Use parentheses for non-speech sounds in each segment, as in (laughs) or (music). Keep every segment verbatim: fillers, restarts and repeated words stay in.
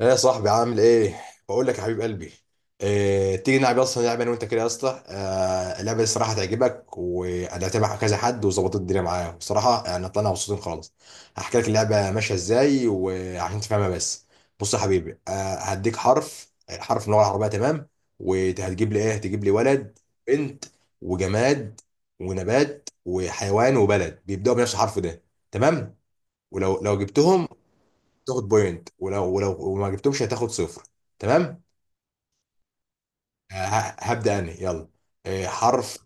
ايه يا صاحبي عامل ايه؟ بقول لك يا حبيب قلبي، إيه؟ تيجي نلعب اصلا لعبه انا وانت كده يا اسطى. آه، اللعبه دي الصراحه تعجبك وانا هتابع كذا حد وظبطت الدنيا معايا بصراحه يعني طلعنا مبسوطين خالص. هحكي لك اللعبه ماشيه ازاي وعشان تفهمها بس. بص يا حبيبي، آه، هديك حرف حرف من اللغه العربيه، تمام؟ وهتجيب لي ايه؟ هتجيب لي ولد، بنت، وجماد، ونبات، وحيوان، وبلد بيبداوا بنفس الحرف ده، تمام؟ ولو لو جبتهم تاخد بوينت، ولو ولو وما جبتهمش هتاخد صفر، تمام. آه، ه- هبدأ انا، يلا. آه، حرف،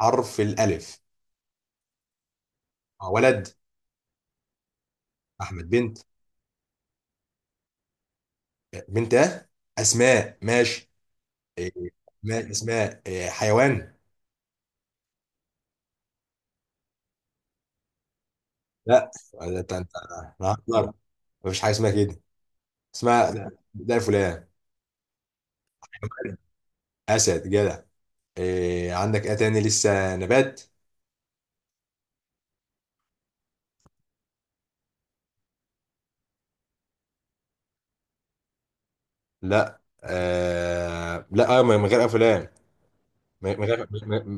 حرف الالف. آه، ولد احمد. بنت، آه، بنت اه اسماء، ماشي. آه، ما اسماء. آه، حيوان، لا، ده انت انت نهار، مفيش حاجه اسمها كده، اسمها ده فلان. اسد، جدع. آه، عندك ايه تاني؟ لسه نبات. لا آه لا آه، من غير افلام، من غير،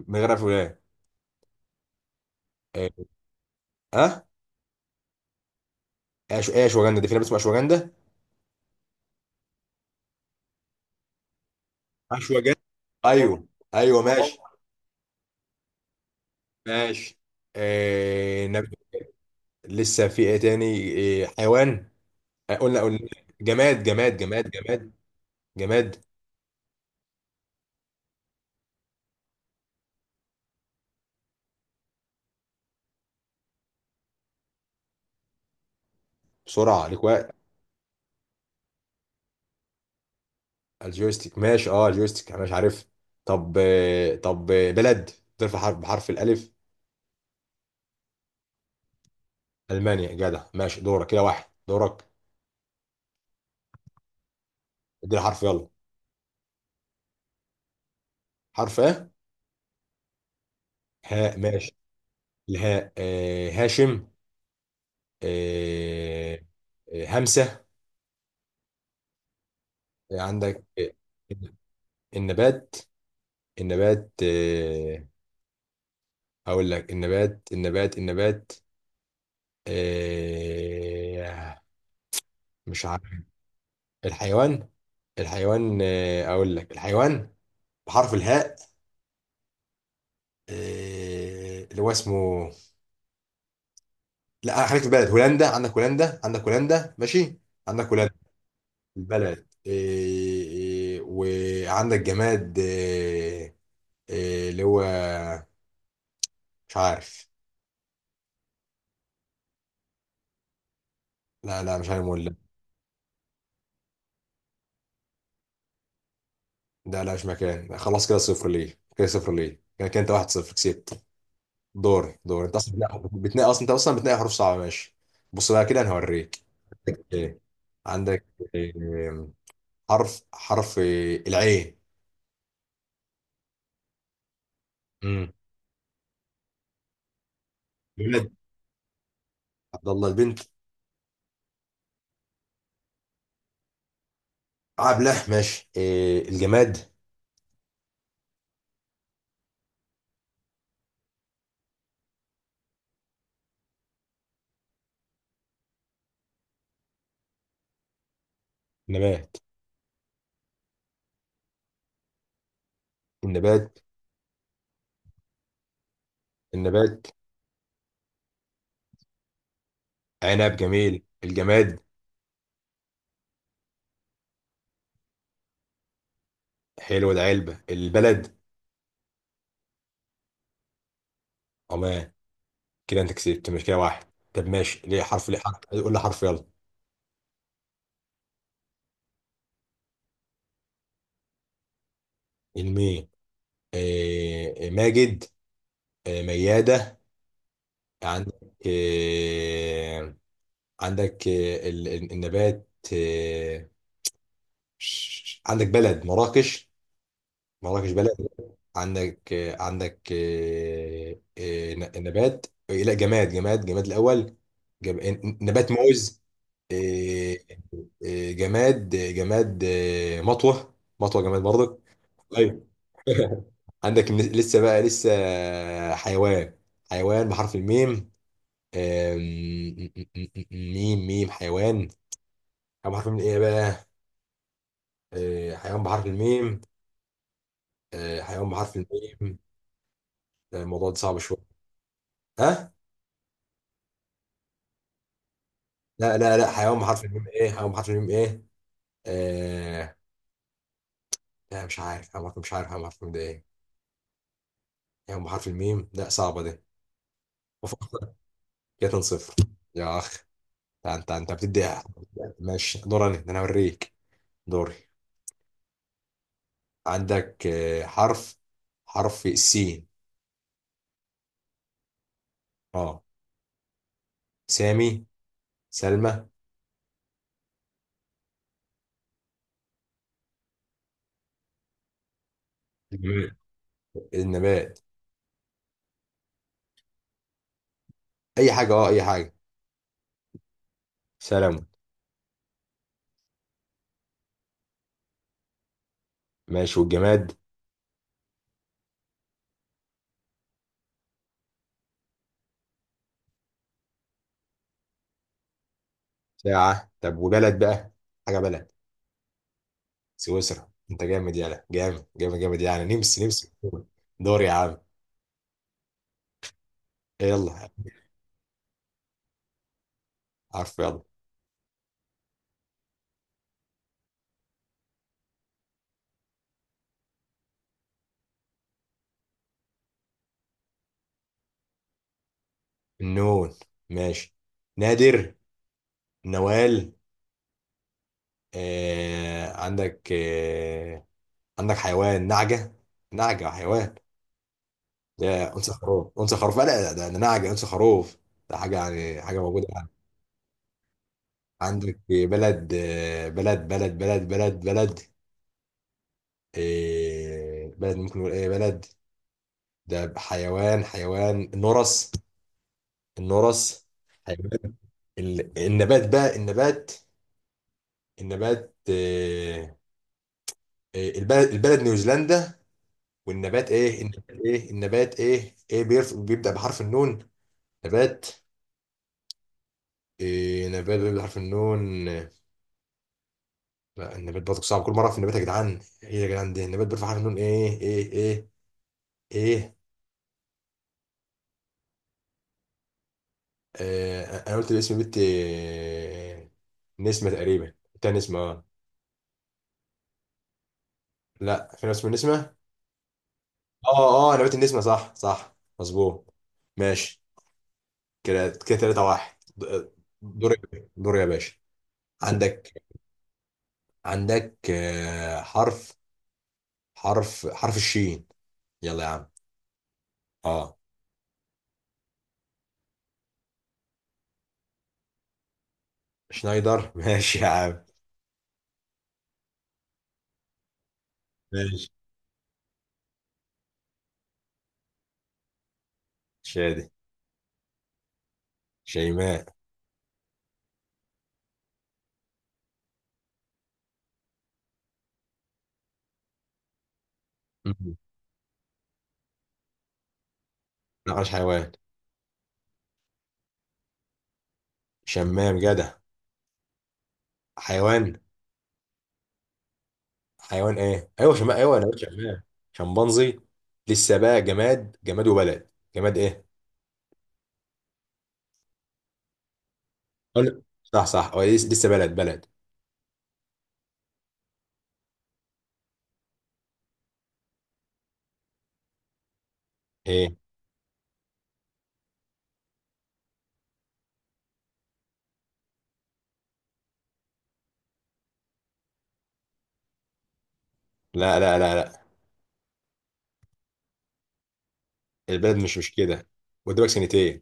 من غير افلام. اه، ايش ايه اشواجندا دي؟ في نبات اسمه اشواجندا؟ اشواجندا، ايوه. ايوه، ماشي ماشي. آه نب... لسه في ايه تاني؟ إيه؟ حيوان، آه، قلنا قلنا. جماد جماد جماد جماد جماد، بسرعه، ليك وقت. الجويستيك، ماشي. اه، الجويستيك انا مش عارف. طب آه طب آه بلد، بترفع حرف، بحرف الالف. المانيا، جدع، ماشي. دورك كده، واحد، دورك. اديني حرف، يلا. حرف ايه؟ هاء، ماشي. الهاء، آه هاشم. آه، آه، همسه. عندك؟ النبات، النبات آه، هقول لك النبات. النبات النبات، آه، مش عارف. الحيوان الحيوان، آه، اقول لك الحيوان بحرف الهاء. آه، اللي هو اسمه، لا، خليك في البلد، هولندا. عندك هولندا، عندك هولندا، ماشي. عندك هولندا، البلد. آه، آه، وعندك جماد، آه، آه، اللي هو، مش عارف. لا لا، مش عارف، ده لا، مش مكان. خلاص كده، صفر ليه كده؟ صفر ليه كده كده؟ انت واحد صفر كسبت. دور دور، انت اصلا بتنقي بتنقي اصلا، انت اصلا بتنقي حروف صعبه، ماشي. بص بقى كده، انا هوريك. عندك ايه؟ عندك إيه؟ حرف، حرف إيه؟ العين. امم الولد عبد الله، البنت عبله، ماشي. إيه؟ الجماد، نبات، النبات النبات عنب، جميل. الجماد، حلو ده، علبه. البلد، عمان. كده انت كسبت، مش كده، واحد. طب ماشي، ليه حرف؟ ليه حرف؟ قول لي حرف، يلا. الميم، آه، ماجد، آه، ميادة. عندك آه، عندك آه، ال- ال- النبات، آه، ش- عندك بلد مراكش، مراكش بلد. عندك آه، عندك آه، آه، ن- نبات، آه، لا، جماد جماد جماد الأول. جم- ن- نبات موز، آه، آه، جماد، آه، جماد آه، مطوة. مطوة جماد برضك. طيب. (laughs) عندك ن- لسه بقى لسه، حيوان، حيوان بحرف الميم. آم، م- م- م- م- ميم، ميم، حيوان، حيوان بحرف الميم ايه بقى؟ آه، حيوان بحرف الميم، آه، حيوان بحرف الميم. لا، الموضوع ده صعب شويه. ها؟ لا لا لا، حيوان بحرف الميم ايه؟ حيوان بحرف الميم ايه؟ آه، لا، مش عارف حيوان بحرف، مش عارف حيوان بحرف الميم ده ايه. حيوان بحرف الميم، لا، صعبه ده. وفق، كده اتنين صفر، يا اخ. انت انت أنت بتدي، ماشي. دوري أنا، ده انا هوريك. دوري. عندك، آه، حرف، حرف سين. اه، سامي، سلمى، الجماد، النبات، اي حاجه، اه، اي حاجه، سلام، ماشي والجماد، ساعه. طب وبلد بقى، حاجه بلد. سويسرا، انت جامد، يلا، جامد جامد جامد يعني، نمس نمس. دور يا عم، يلا، حرف، يلا. النون، ماشي. نادر، نوال. آه، عندك، آه، عندك حيوان نعجه، نعجه حيوان، يا انثى خروف، انثى خروف، لا لا، ده ده نعجه، انثى خروف، ده حاجه يعني، حاجه موجوده يعني. عندك بلد، آه، بلد بلد بلد بلد بلد. إيه بلد؟ ممكن نقول ايه بلد؟ ده حيوان، حيوان النورس، النورس حيوان. ال-، النبات بقى، النبات، النبات إيه؟ إيه، البلد، البلد نيوزيلندا. والنبات ايه؟ النبات ايه؟ النبات ايه ايه بيرف- بيبدأ بحرف النون، نبات. إيه نبات بيبدأ بحرف النون؟ لا النبات برضه صعب كل مره. في النبات يا جدعان ايه يا جدعان؟ ده النبات بيرفع حرف النون ايه؟ ايه ايه ايه؟ آه، انا قلت الاسم بنت، آه، نسمه تقريبا، بتاع نسمه، اه. لا، في ناس اسمه نسمه، اه، اه، نبات النسمه، صح، صح، مظبوط. ماشي. كده كده ثلاثة واحد، د- دور، دور يا باشا. عندك، عندك، آه، حرف، حرف حرف الشين، يلا يا عم. اه، شنايدر، (laughs) ماشي يا عم. ماشي، شادي، شيماء، نقش حيوان، شمام جدع. حيوان، حيوان ايه؟ ايوه شمام، ايوه، انا قلت شمام. شمبانزي. لسه بقى جماد، جماد وبلد. جماد ايه؟ قول- صح، صح، هو لس- لسه بلد، بلد ايه؟ لا لا لا لا، البلد مش مش كده، قدامك سنتين.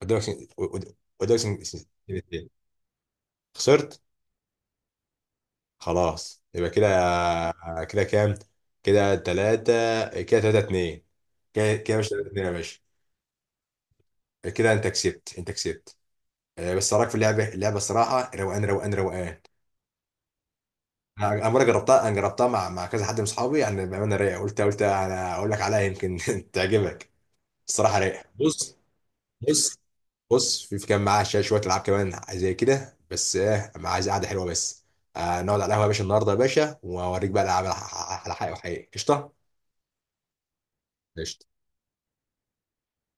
قدامك سن... قد- قدامك سن... سن- سنتين. خسرت، خلاص، يبقى كده، كده كام؟ كده ثلاثة، كده ثلاثة اتنين. كده كده مش ثلاثة اتنين يا باشا؟ كده انت كسبت، انت كسبت آه، بس إيه رايك في اللعبه؟ اللعبه الصراحه روقان، روقان روقان. انا أنا مره جربتها، انا جربتها مع، مع كذا حد من اصحابي يعني، بامانه رايقه، قلت قلت انا اقول لك عليها يمكن (laughs) تعجبك. الصراحه رايقه، بص، بص، بص، في في كان معاه شويه، شوية العاب كمان زي كده بس، ايه، أنا عايز قعده حلوه بس. آه، نقعد على القهوه يا باشا النهارده يا باشا، واوريك بقى الالعاب على، على حقيقه، وحقيقي قشطه. قشطه.